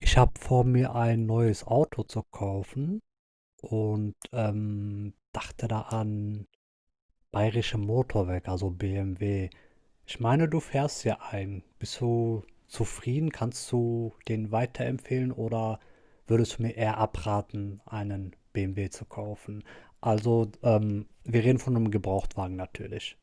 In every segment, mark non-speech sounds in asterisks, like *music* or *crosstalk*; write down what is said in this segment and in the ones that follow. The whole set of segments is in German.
Ich habe vor, mir ein neues Auto zu kaufen und, dachte da an Bayerische Motorwerk, also BMW. Ich meine, du fährst ja einen. Bist du zufrieden? Kannst du den weiterempfehlen oder würdest du mir eher abraten, einen BMW zu kaufen? Also, wir reden von einem Gebrauchtwagen natürlich.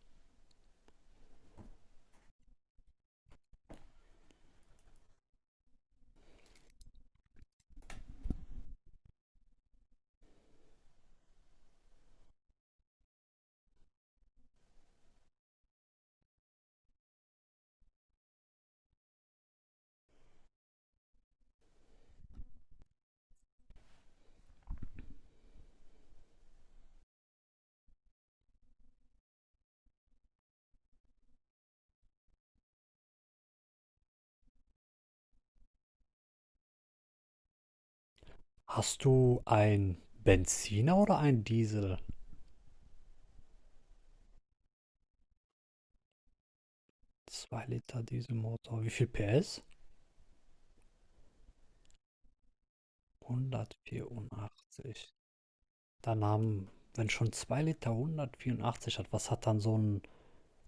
Hast du einen Benziner oder einen Diesel? Zwei Liter Dieselmotor. Wie viel PS? 184. Dann haben, wenn schon 2 Liter 184 hat, was hat dann so ein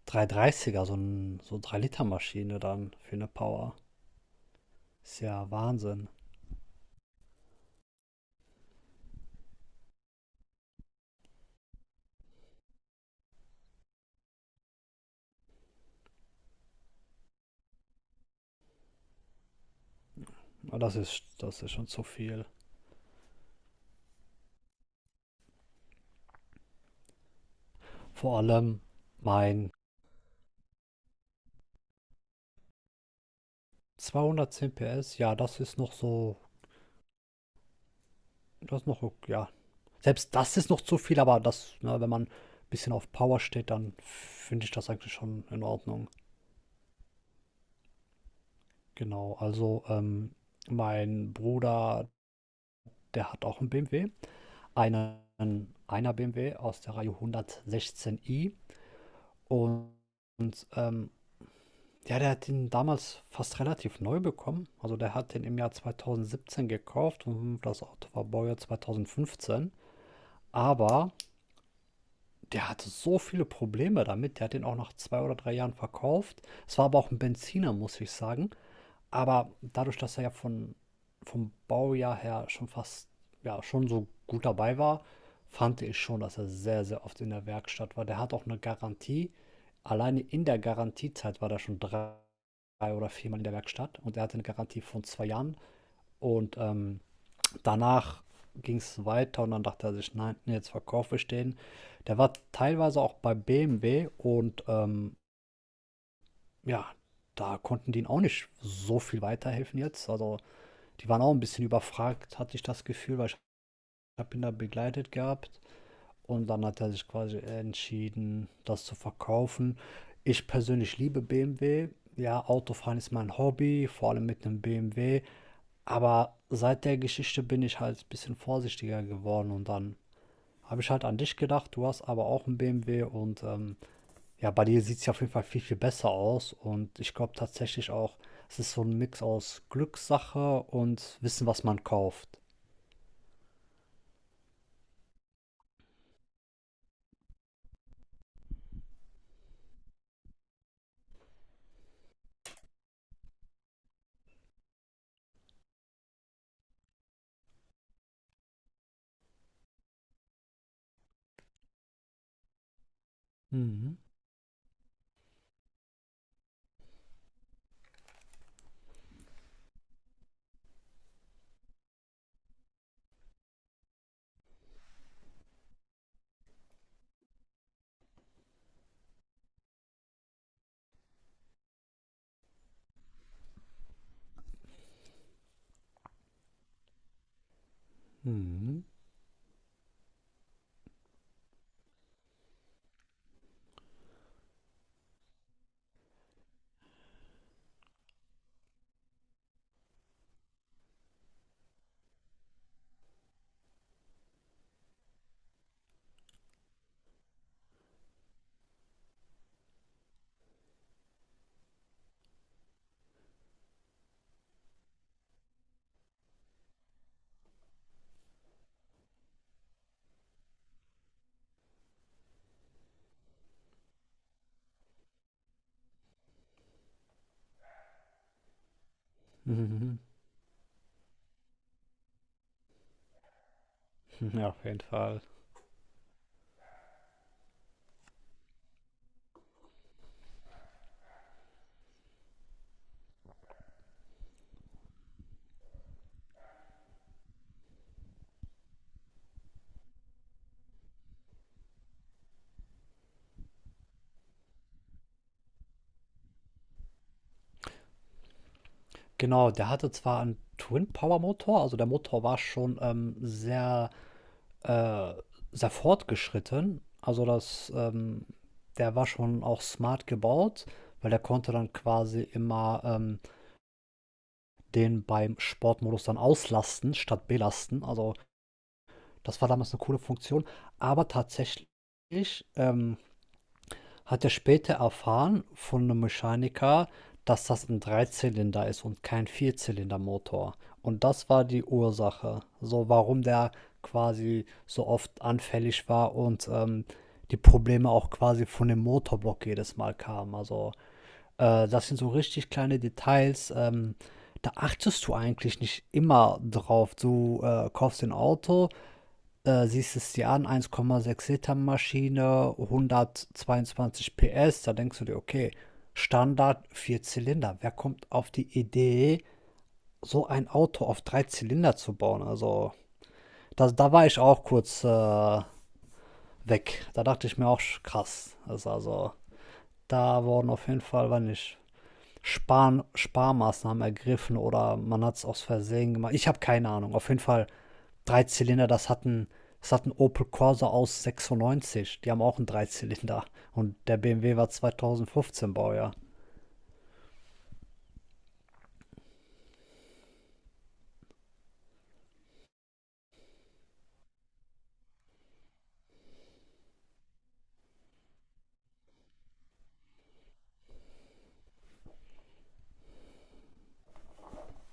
330, so ein so 3 Liter Maschine dann für eine Power? Ist ja Wahnsinn. Aber das ist schon zu viel. Vor allem mein 210 PS, ja, das ist noch so, das ist noch, ja, selbst das ist noch zu viel, aber das, ne, wenn man ein bisschen auf Power steht, dann finde ich das eigentlich schon in Ordnung. Genau, also mein Bruder, der hat auch einen BMW. Einer BMW aus der Reihe 116i. Und, und ja, der hat den damals fast relativ neu bekommen. Also der hat den im Jahr 2017 gekauft und das Auto war Baujahr 2015. Aber der hatte so viele Probleme damit. Der hat den auch nach zwei oder drei Jahren verkauft. Es war aber auch ein Benziner, muss ich sagen. Aber dadurch, dass er ja vom Baujahr her schon fast, ja, schon so gut dabei war, fand ich schon, dass er sehr, sehr oft in der Werkstatt war. Der hat auch eine Garantie. Alleine in der Garantiezeit war der schon drei oder viermal in der Werkstatt und er hatte eine Garantie von zwei Jahren. Und danach ging es weiter und dann dachte er sich, nein, nee, jetzt verkaufe ich den. Der war teilweise auch bei BMW und ja, da konnten die ihn auch nicht so viel weiterhelfen jetzt. Also die waren auch ein bisschen überfragt, hatte ich das Gefühl, weil ich habe ihn da begleitet gehabt. Und dann hat er sich quasi entschieden, das zu verkaufen. Ich persönlich liebe BMW. Ja, Autofahren ist mein Hobby, vor allem mit einem BMW. Aber seit der Geschichte bin ich halt ein bisschen vorsichtiger geworden und dann habe ich halt an dich gedacht. Du hast aber auch einen BMW und ja, bei dir sieht es ja auf jeden Fall viel, viel besser aus. Und ich glaube tatsächlich auch, es ist so ein Mix aus Glückssache und Wissen, was man kauft. Mhm. Mhm. Mhm. *laughs* Ja, auf jeden Fall. Genau, der hatte zwar einen Twin-Power-Motor, also der Motor war schon sehr, äh, sehr fortgeschritten. Also der war schon auch smart gebaut, weil der konnte dann quasi immer den beim Sportmodus dann auslasten statt belasten. Also das war damals eine coole Funktion. Aber tatsächlich ähm, hat er später erfahren von 'nem Mechaniker, dass das ein Dreizylinder ist und kein Vierzylindermotor. Und das war die Ursache, so warum der quasi so oft anfällig war und, die Probleme auch quasi von dem Motorblock jedes Mal kamen. Also, das sind so richtig kleine Details. Da achtest du eigentlich nicht immer drauf. Du kaufst ein Auto, siehst es dir an, 1,6 Liter Maschine, 122 PS. Da denkst du dir, okay, Standard vier Zylinder. Wer kommt auf die Idee, so ein Auto auf drei Zylinder zu bauen? Also, da war ich auch kurz weg. Da dachte ich mir auch krass. Das also, da wurden auf jeden Fall, war nicht Sparmaßnahmen ergriffen oder man hat es aus Versehen gemacht. Ich habe keine Ahnung. Auf jeden Fall drei Zylinder, das hat ein Opel Corsa aus 96. Die haben auch einen Dreizylinder. Und der BMW war 2015 Baujahr.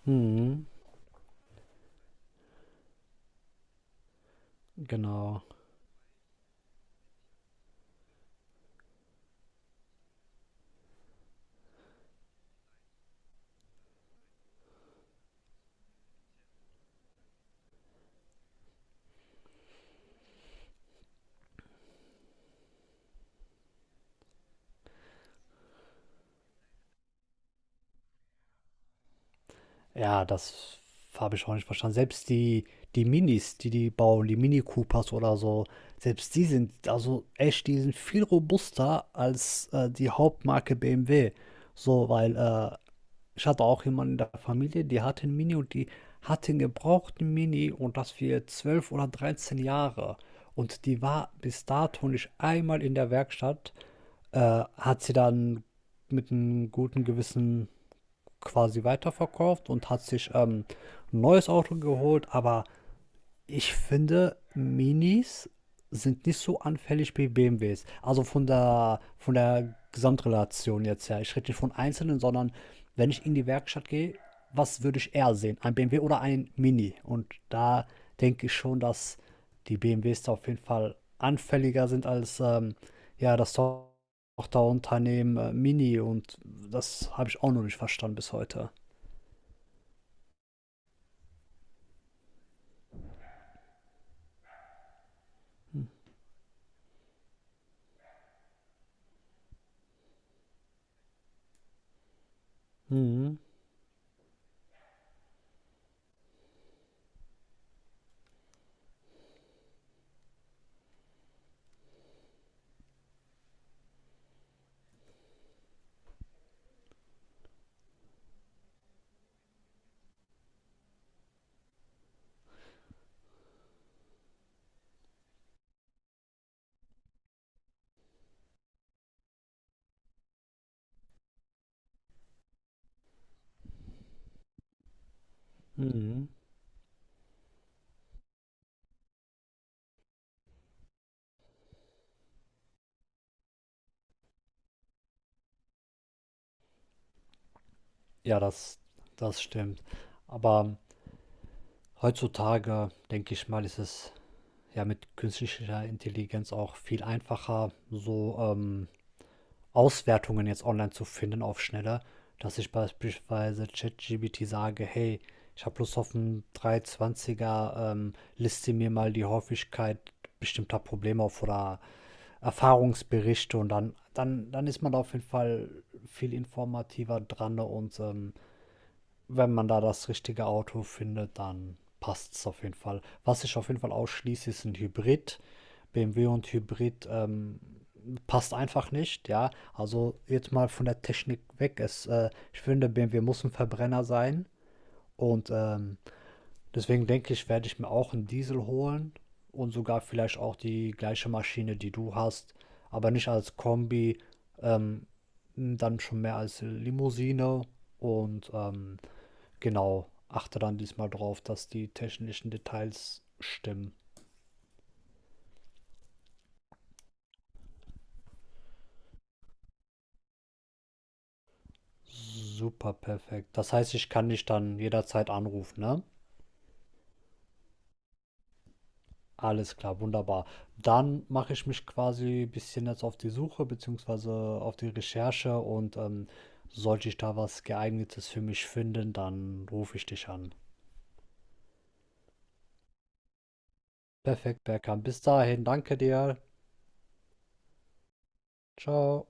Mhm, genau. Ja, das habe ich auch nicht verstanden. Selbst die Minis, die die bauen, die Mini Coopers oder so, selbst die sind, also echt, die sind viel robuster als die Hauptmarke BMW. So. Weil Ich hatte auch jemanden in der Familie, die hatte 'n Mini und die hatte 'n gebrauchten Mini und das für 12 oder 13 Jahre. Und die war bis dato nicht einmal in der Werkstatt, äh, hat sie dann mit einem guten Gewissen quasi weiterverkauft und hat sich, 'n neues Auto geholt, aber ich finde, Minis sind nicht so anfällig wie BMWs. Also von der Gesamtrelation jetzt her. Ich rede nicht von einzelnen, sondern wenn ich in die Werkstatt gehe, was würde ich eher sehen? Ein BMW oder ein Mini? Und da denke ich schon, dass die BMWs da auf jeden Fall anfälliger sind als ja, das Tochterunternehmen Mini. Und das habe ich auch noch nicht verstanden bis heute. Mhm. Mhm. Ja, das stimmt. Aber heutzutage, denke ich mal, ist es ja mit künstlicher Intelligenz auch viel einfacher, so Auswertungen jetzt online zu finden auf schneller, dass ich beispielsweise ChatGPT sage, hey, ich habe Lust auf einen 320er, liste mir mal die Häufigkeit bestimmter Probleme auf oder Erfahrungsberichte und dann ist man da auf jeden Fall viel informativer dran ne, und wenn man da das richtige Auto findet, dann passt es auf jeden Fall. Was ich auf jeden Fall ausschließe, ist ein Hybrid. BMW und Hybrid passt einfach nicht, ja. Also jetzt mal von der Technik weg. Ich finde, BMW muss ein Verbrenner sein. Und deswegen denke ich, werde ich mir auch einen Diesel holen und sogar vielleicht auch die gleiche Maschine, die du hast, aber nicht als Kombi, ähm, dann schon mehr als Limousine und genau, achte dann diesmal drauf, dass die technischen Details stimmen. Super perfekt. Das heißt, ich kann dich dann jederzeit anrufen, ne? Alles klar, wunderbar. Dann mache ich mich quasi ein bisschen jetzt auf die Suche beziehungsweise auf die Recherche und sollte ich da was Geeignetes für mich finden, dann rufe ich dich an. Perfekt, Berkan. Bis dahin, danke dir. Ciao.